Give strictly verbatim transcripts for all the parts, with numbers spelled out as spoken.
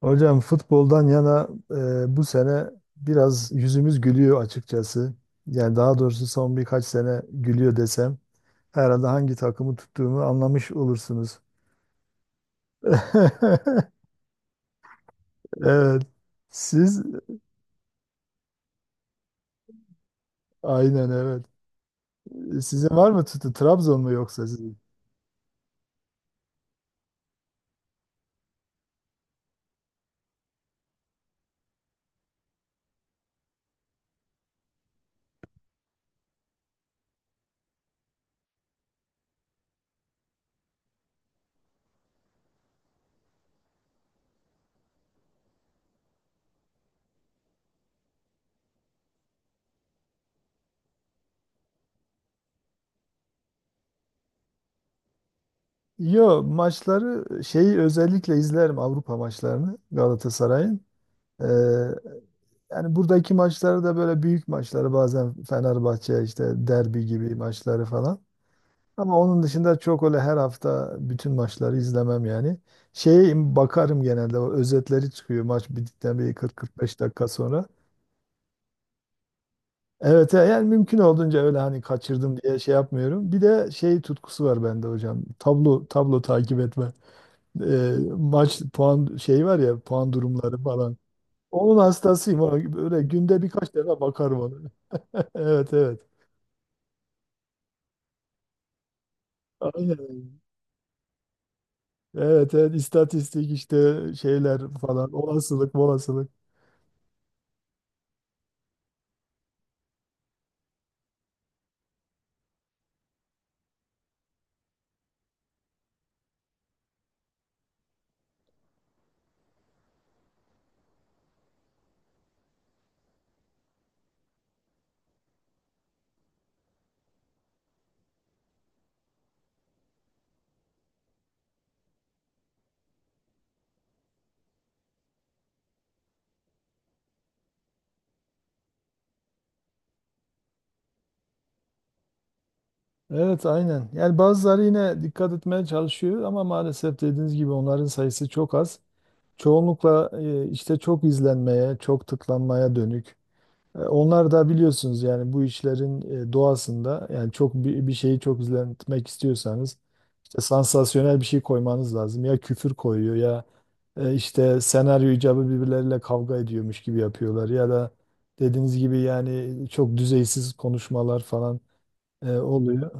Hocam futboldan yana e, bu sene biraz yüzümüz gülüyor açıkçası. Yani daha doğrusu son birkaç sene gülüyor desem herhalde hangi takımı tuttuğumu anlamış olursunuz. Evet. Siz aynen evet. Sizin var mı tuttu? Trabzon mu yoksa sizin? Yo maçları şeyi özellikle izlerim Avrupa maçlarını Galatasaray'ın. Ee, yani buradaki maçları da böyle büyük maçları bazen Fenerbahçe işte derbi gibi maçları falan. Ama onun dışında çok öyle her hafta bütün maçları izlemem yani. Şeye bakarım genelde o özetleri çıkıyor maç bittikten bir kırk kırk beş dakika sonra. Evet yani mümkün olduğunca öyle hani kaçırdım diye şey yapmıyorum. Bir de şey tutkusu var bende hocam. Tablo tablo takip etme. Ee, maç puan şey var ya puan durumları falan. Onun hastasıyım. Ona böyle günde birkaç defa bakarım ona. Evet evet. Aynen. Evet evet istatistik işte şeyler falan olasılık olasılık. Evet aynen. Yani bazıları yine dikkat etmeye çalışıyor ama maalesef dediğiniz gibi onların sayısı çok az. Çoğunlukla e, işte çok izlenmeye, çok tıklanmaya dönük. E, onlar da biliyorsunuz yani bu işlerin e, doğasında yani çok bir bir şeyi çok izletmek istiyorsanız işte sansasyonel bir şey koymanız lazım. Ya küfür koyuyor ya e, işte senaryo icabı birbirleriyle kavga ediyormuş gibi yapıyorlar ya da dediğiniz gibi yani çok düzeysiz konuşmalar falan e, oluyor.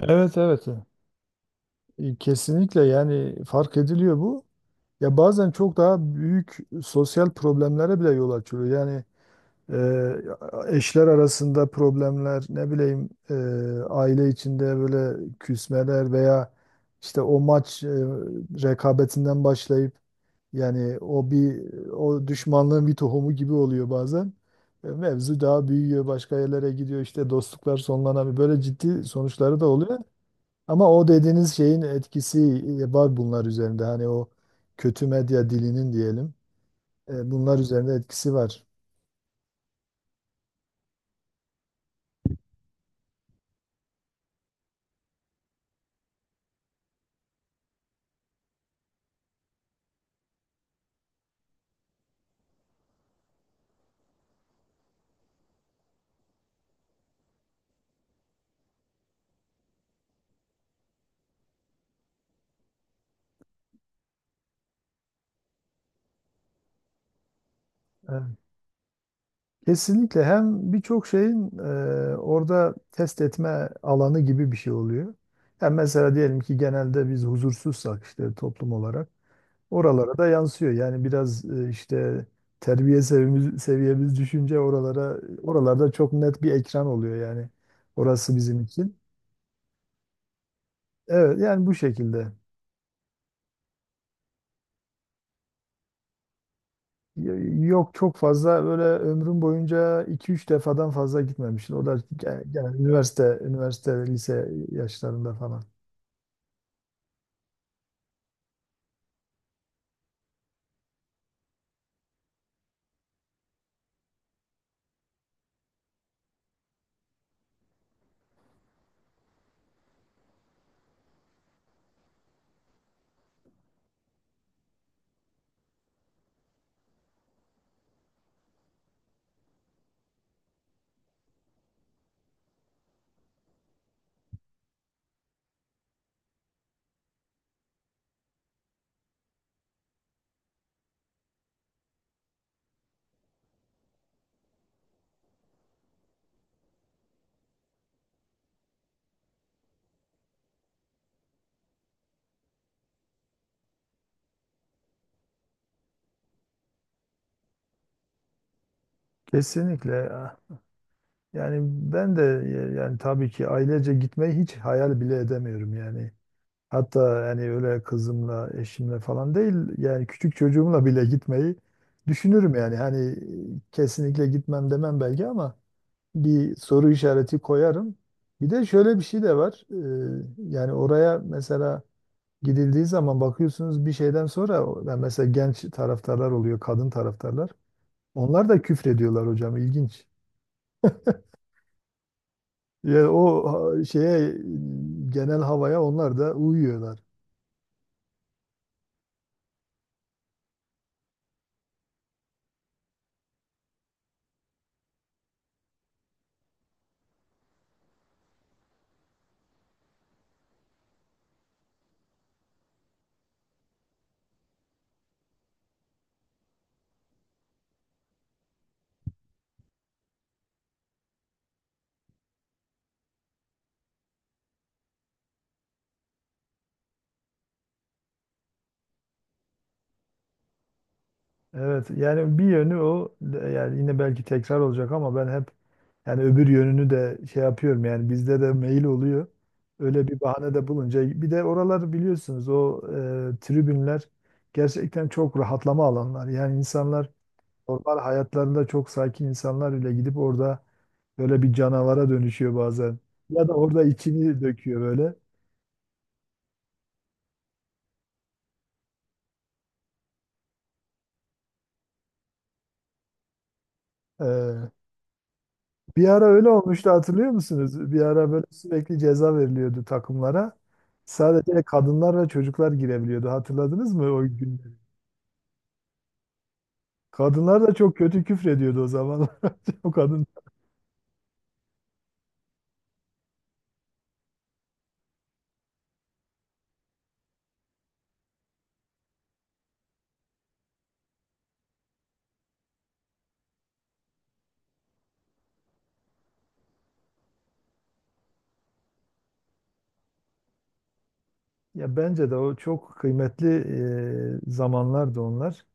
Evet evet. E, kesinlikle yani fark ediliyor bu. Ya bazen çok daha büyük sosyal problemlere bile yol açıyor. Yani e, eşler arasında problemler, ne bileyim e, aile içinde böyle küsmeler veya işte o maç e, rekabetinden başlayıp yani o bir o düşmanlığın bir tohumu gibi oluyor bazen. E, mevzu daha büyüyor, başka yerlere gidiyor işte dostluklar sonlanabiliyor. Böyle ciddi sonuçları da oluyor. Ama o dediğiniz şeyin etkisi e, var bunlar üzerinde. Hani o kötü medya dilinin diyelim. e, Bunlar üzerinde etkisi var. Evet. Kesinlikle hem birçok şeyin e, orada test etme alanı gibi bir şey oluyor. Yani mesela diyelim ki genelde biz huzursuzsak işte toplum olarak oralara da yansıyor. Yani biraz e, işte terbiye seviyemiz, seviyemiz düşünce oralara oralarda çok net bir ekran oluyor yani. Orası bizim için. Evet yani bu şekilde. Y- Yok çok fazla böyle ömrüm boyunca iki üç defadan fazla gitmemiştim. O da ge- genelde üniversite, üniversite ve lise yaşlarında falan. Kesinlikle, ya. Yani ben de e, yani tabii ki ailece gitmeyi hiç hayal bile edemiyorum yani. Hatta yani öyle kızımla, eşimle falan değil yani küçük çocuğumla bile gitmeyi düşünürüm yani. Hani e, kesinlikle gitmem demem belki ama bir soru işareti koyarım. Bir de şöyle bir şey de var. Ee, yani oraya mesela gidildiği zaman bakıyorsunuz bir şeyden sonra o- yani mesela genç taraftarlar oluyor, kadın taraftarlar. Onlar da küfrediyorlar hocam ilginç. Yani o ha, şeye genel havaya onlar da uyuyorlar. Evet yani bir yönü o yani yine belki tekrar olacak ama ben hep yani öbür yönünü de şey yapıyorum yani bizde de mail oluyor. Öyle bir bahane de bulunca bir de oralar biliyorsunuz o e, tribünler gerçekten çok rahatlama alanlar. Yani insanlar normal hayatlarında çok sakin insanlar bile gidip orada böyle bir canavara dönüşüyor bazen. Ya da orada içini döküyor böyle. E, bir ara öyle olmuştu hatırlıyor musunuz? Bir ara böyle sürekli ceza veriliyordu takımlara. Sadece kadınlar ve çocuklar girebiliyordu. Hatırladınız mı o günleri? Kadınlar da çok kötü küfrediyordu o zamanlar. O kadın. Ya bence de o çok kıymetli e, zamanlardı onlar.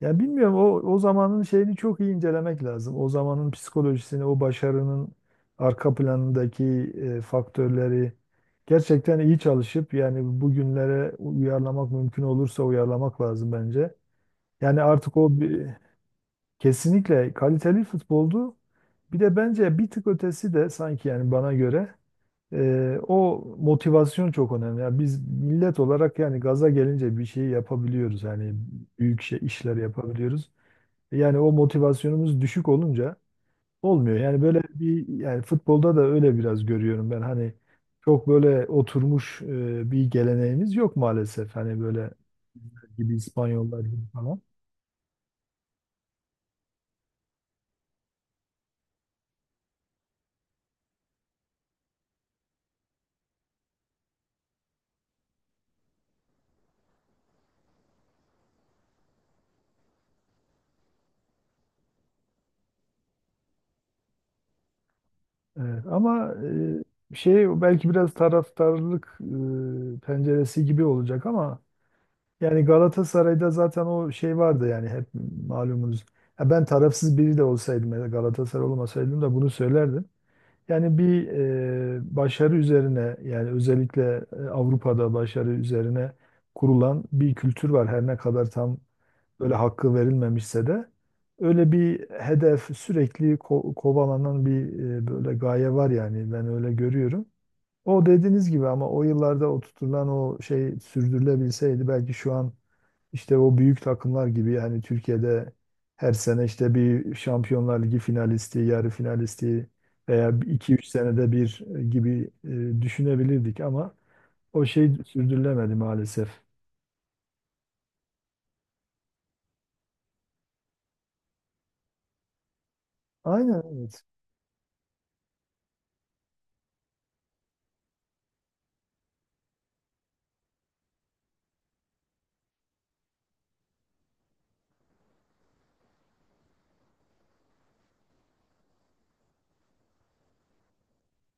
Yani bilmiyorum o o zamanın şeyini çok iyi incelemek lazım. O zamanın psikolojisini, o başarının arka planındaki e, faktörleri gerçekten iyi çalışıp yani bugünlere uyarlamak mümkün olursa uyarlamak lazım bence. Yani artık o bir, kesinlikle kaliteli futboldu. Bir de bence bir tık ötesi de sanki yani bana göre e, o motivasyon çok önemli. Yani biz millet olarak yani gaza gelince bir şey yapabiliyoruz. Yani büyük şey, işler yapabiliyoruz. Yani o motivasyonumuz düşük olunca olmuyor. Yani böyle bir yani futbolda da öyle biraz görüyorum ben. Hani çok böyle oturmuş e, bir geleneğimiz yok maalesef. Hani böyle gibi İspanyollar gibi falan. Evet, ama e, şey belki biraz taraftarlık e, penceresi gibi olacak ama yani Galatasaray'da zaten o şey vardı yani hep malumunuz. Ha, ben tarafsız biri de olsaydım ya da Galatasaray olmasaydım da bunu söylerdim. Yani bir e, başarı üzerine yani özellikle e, Avrupa'da başarı üzerine kurulan bir kültür var. Her ne kadar tam böyle hakkı verilmemişse de öyle bir hedef sürekli ko- kovalanan bir e, böyle gaye var yani ben öyle görüyorum. O dediğiniz gibi ama o yıllarda oturtulan o şey sürdürülebilseydi belki şu an işte o büyük takımlar gibi yani Türkiye'de her sene işte bir Şampiyonlar Ligi finalisti, yarı finalisti veya iki üç senede bir e, gibi e, düşünebilirdik ama o şey sürdürülemedi maalesef. Aynen evet.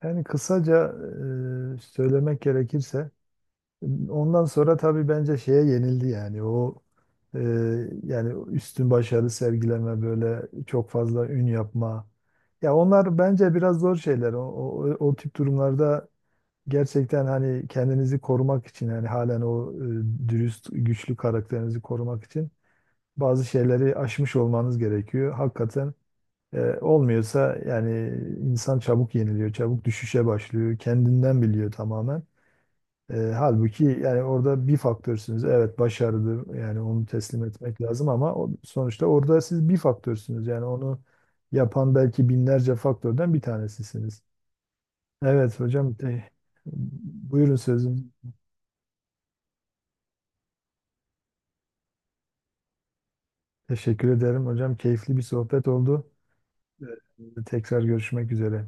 Yani kısaca e, söylemek gerekirse ondan sonra tabii bence şeye yenildi yani o e, yani üstün başarı sergileme böyle çok fazla ün yapma. Ya onlar bence biraz zor şeyler. O, o, o tip durumlarda gerçekten hani kendinizi korumak için yani halen o e, dürüst güçlü karakterinizi korumak için bazı şeyleri aşmış olmanız gerekiyor. Hakikaten e, olmuyorsa yani insan çabuk yeniliyor, çabuk düşüşe başlıyor. Kendinden biliyor tamamen. E, halbuki yani orada bir faktörsünüz. Evet başarılı yani onu teslim etmek lazım ama o, sonuçta orada siz bir faktörsünüz. Yani onu yapan belki binlerce faktörden bir tanesisiniz. Evet hocam te- buyurun sözüm. Teşekkür ederim hocam. Keyifli bir sohbet oldu. Evet. Tekrar görüşmek üzere.